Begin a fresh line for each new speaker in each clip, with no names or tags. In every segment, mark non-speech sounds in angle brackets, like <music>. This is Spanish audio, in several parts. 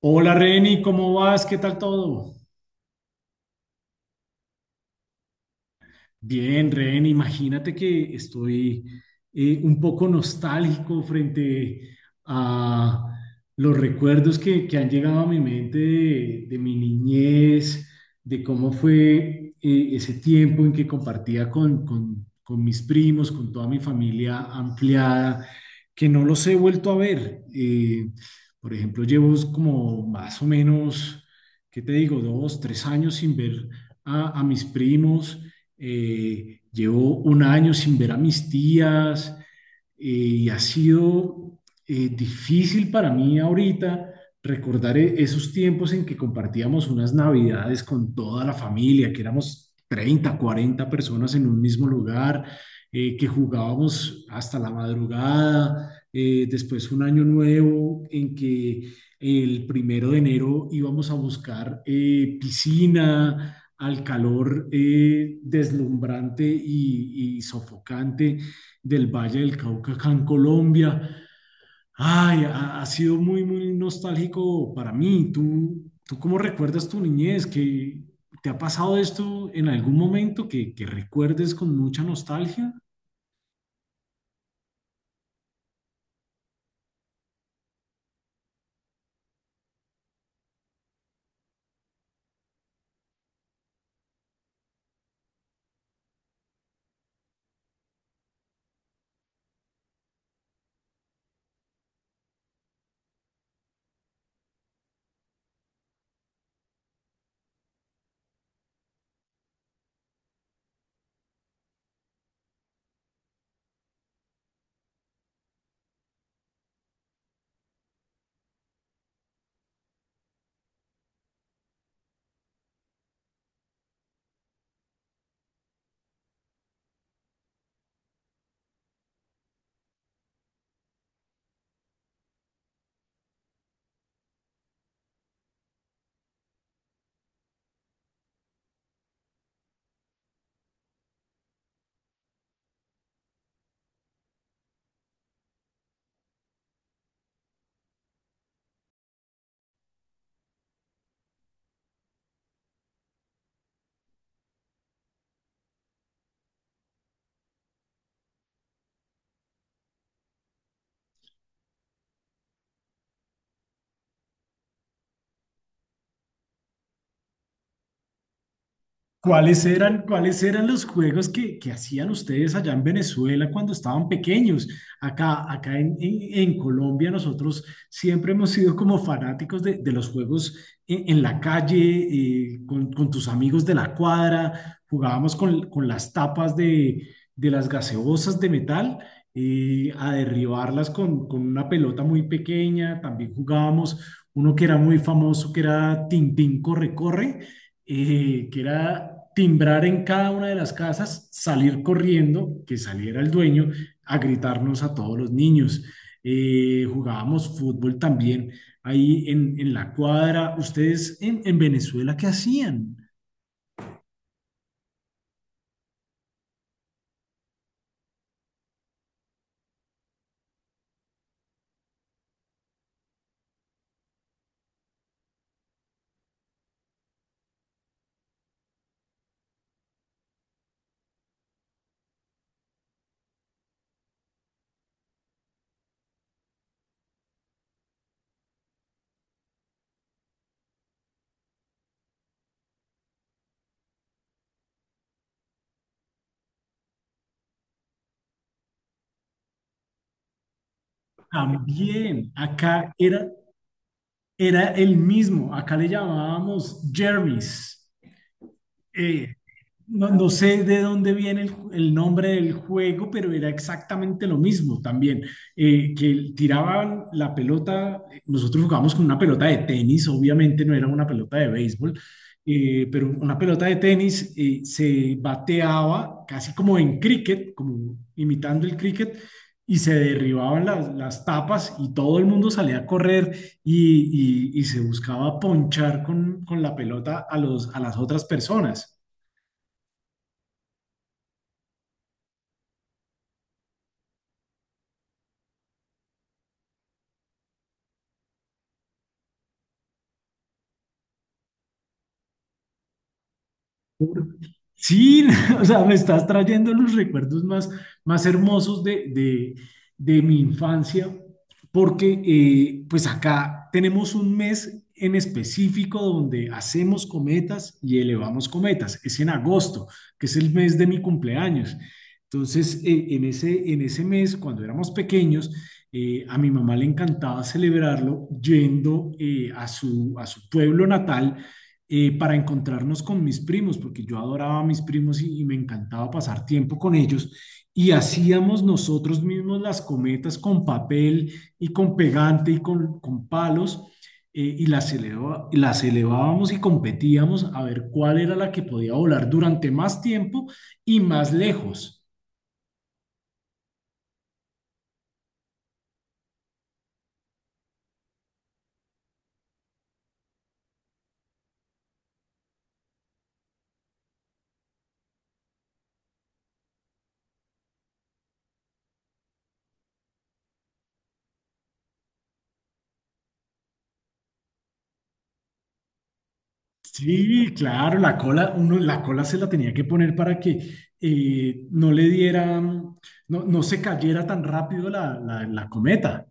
Hola Reni, ¿cómo vas? ¿Qué tal todo? Bien, Ren, imagínate que estoy un poco nostálgico frente a los recuerdos que han llegado a mi mente de mi niñez, de cómo fue ese tiempo en que compartía con mis primos, con toda mi familia ampliada, que no los he vuelto a ver. Por ejemplo, llevo como más o menos, ¿qué te digo? Dos, tres años sin ver a mis primos, llevo un año sin ver a mis tías, y ha sido difícil para mí ahorita recordar esos tiempos en que compartíamos unas navidades con toda la familia, que éramos 30, 40 personas en un mismo lugar, que jugábamos hasta la madrugada, después un año nuevo en que el primero de enero íbamos a buscar piscina, al calor deslumbrante y sofocante del Valle del Cauca acá en Colombia. Ay, ha, ha sido muy, muy nostálgico para mí. ¿Tú, tú cómo recuerdas tu niñez? ¿Que ¿te ha pasado esto en algún momento que recuerdes con mucha nostalgia? Cuáles eran los juegos que hacían ustedes allá en Venezuela cuando estaban pequeños? Acá, acá en Colombia nosotros siempre hemos sido como fanáticos de los juegos en la calle, con tus amigos de la cuadra, jugábamos con las tapas de las gaseosas de metal, a derribarlas con una pelota muy pequeña. También jugábamos uno que era muy famoso, que era Tintín Corre Corre, que era timbrar en cada una de las casas, salir corriendo, que saliera el dueño a gritarnos a todos los niños. Jugábamos fútbol también ahí en la cuadra. ¿Ustedes en Venezuela qué hacían? También, acá era, era el mismo, acá le llamábamos Jermis. No, no sé de dónde viene el nombre del juego, pero era exactamente lo mismo también, que tiraban la pelota. Nosotros jugábamos con una pelota de tenis, obviamente no era una pelota de béisbol, pero una pelota de tenis se bateaba casi como en cricket, como imitando el cricket, y se derribaban las tapas y todo el mundo salía a correr y se buscaba ponchar con la pelota a los, a las otras personas. Sí, <laughs> o sea, me estás trayendo los recuerdos más, más hermosos de mi infancia, porque pues acá tenemos un mes en específico donde hacemos cometas y elevamos cometas. Es en agosto, que es el mes de mi cumpleaños. Entonces, en ese mes, cuando éramos pequeños, a mi mamá le encantaba celebrarlo yendo a su pueblo natal, para encontrarnos con mis primos, porque yo adoraba a mis primos y me encantaba pasar tiempo con ellos. Y hacíamos nosotros mismos las cometas con papel y con pegante y con palos, y y las elevábamos y competíamos a ver cuál era la que podía volar durante más tiempo y más lejos. Sí, claro, la cola, uno, la cola se la tenía que poner para que no le diera, no, no se cayera tan rápido la cometa.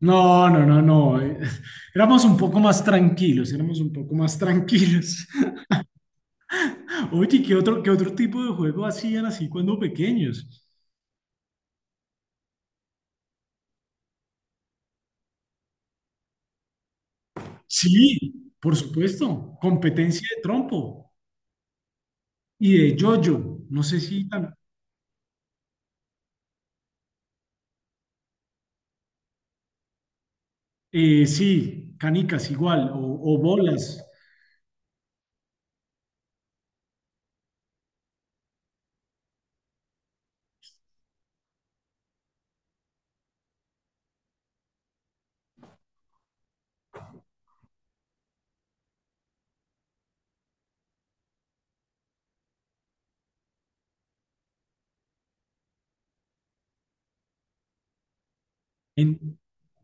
No, no, no, no. <laughs> Éramos un poco más tranquilos, éramos un poco más tranquilos. <laughs> Oye, qué otro tipo de juego hacían así cuando pequeños? Sí, por supuesto, competencia de trompo y de yoyo. No sé si tan- sí, canicas igual, o bolas.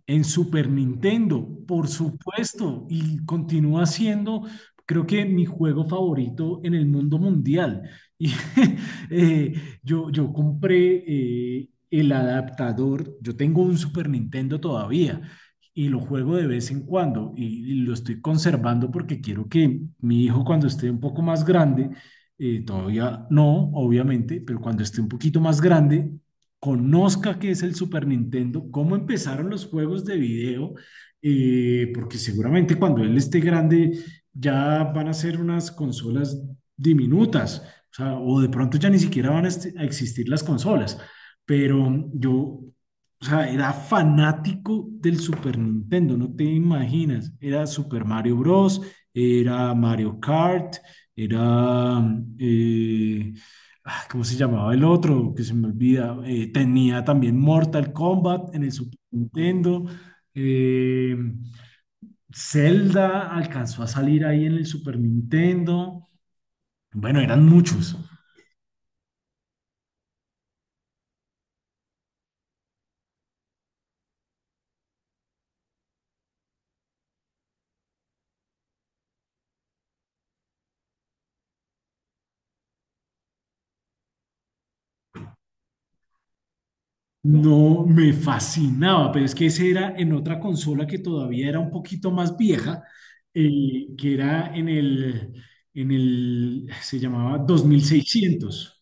En Super Nintendo, por supuesto, y continúa siendo, creo que mi juego favorito en el mundo mundial. Y <laughs> eh, yo, yo compré el adaptador. Yo tengo un Super Nintendo todavía y lo juego de vez en cuando, y lo estoy conservando porque quiero que mi hijo cuando esté un poco más grande, todavía no, obviamente, pero cuando esté un poquito más grande, conozca qué es el Super Nintendo, cómo empezaron los juegos de video, porque seguramente cuando él esté grande ya van a ser unas consolas diminutas, o sea, o de pronto ya ni siquiera van a, a existir las consolas. Pero yo, o sea, era fanático del Super Nintendo, no te imaginas. Era Super Mario Bros., era Mario Kart, era... ah, ¿cómo se llamaba el otro? Que se me olvida. Tenía también Mortal Kombat en el Super Nintendo. Eh, Zelda alcanzó a salir ahí en el Super Nintendo. Bueno, eran muchos. No me fascinaba, pero es que ese era en otra consola que todavía era un poquito más vieja, que era en el, se llamaba 2600.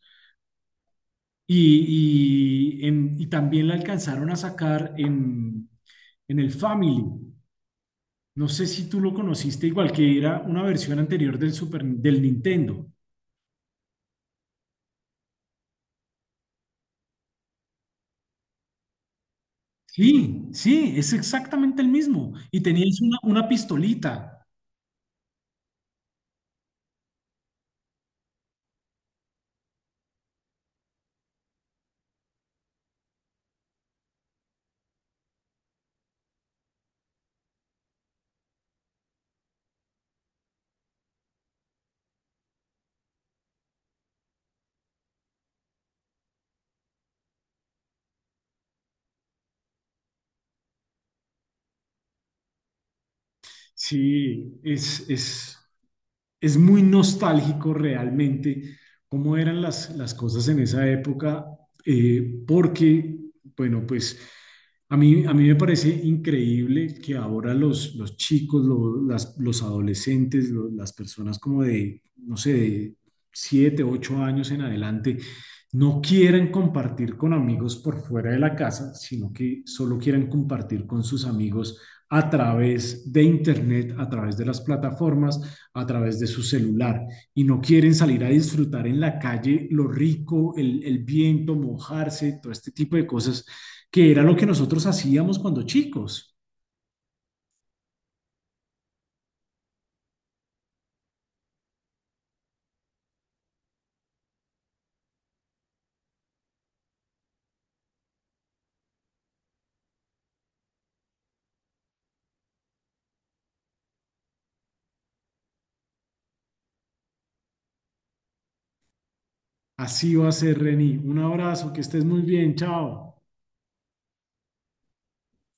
Y, y también la alcanzaron a sacar en el Family. No sé si tú lo conociste igual, que era una versión anterior del Super, del Nintendo. Sí, sí, es exactamente el mismo. Y tenías una pistolita. Sí, es muy nostálgico realmente cómo eran las cosas en esa época, porque, bueno, pues a mí me parece increíble que ahora los chicos, los adolescentes, las personas como de, no sé, de 7 8 años en adelante, no quieran compartir con amigos por fuera de la casa, sino que solo quieran compartir con sus amigos a través de Internet, a través de las plataformas, a través de su celular, y no quieren salir a disfrutar en la calle lo rico, el viento, mojarse, todo este tipo de cosas, que era lo que nosotros hacíamos cuando chicos. Así va a ser, Reni. Un abrazo, que estés muy bien, chao.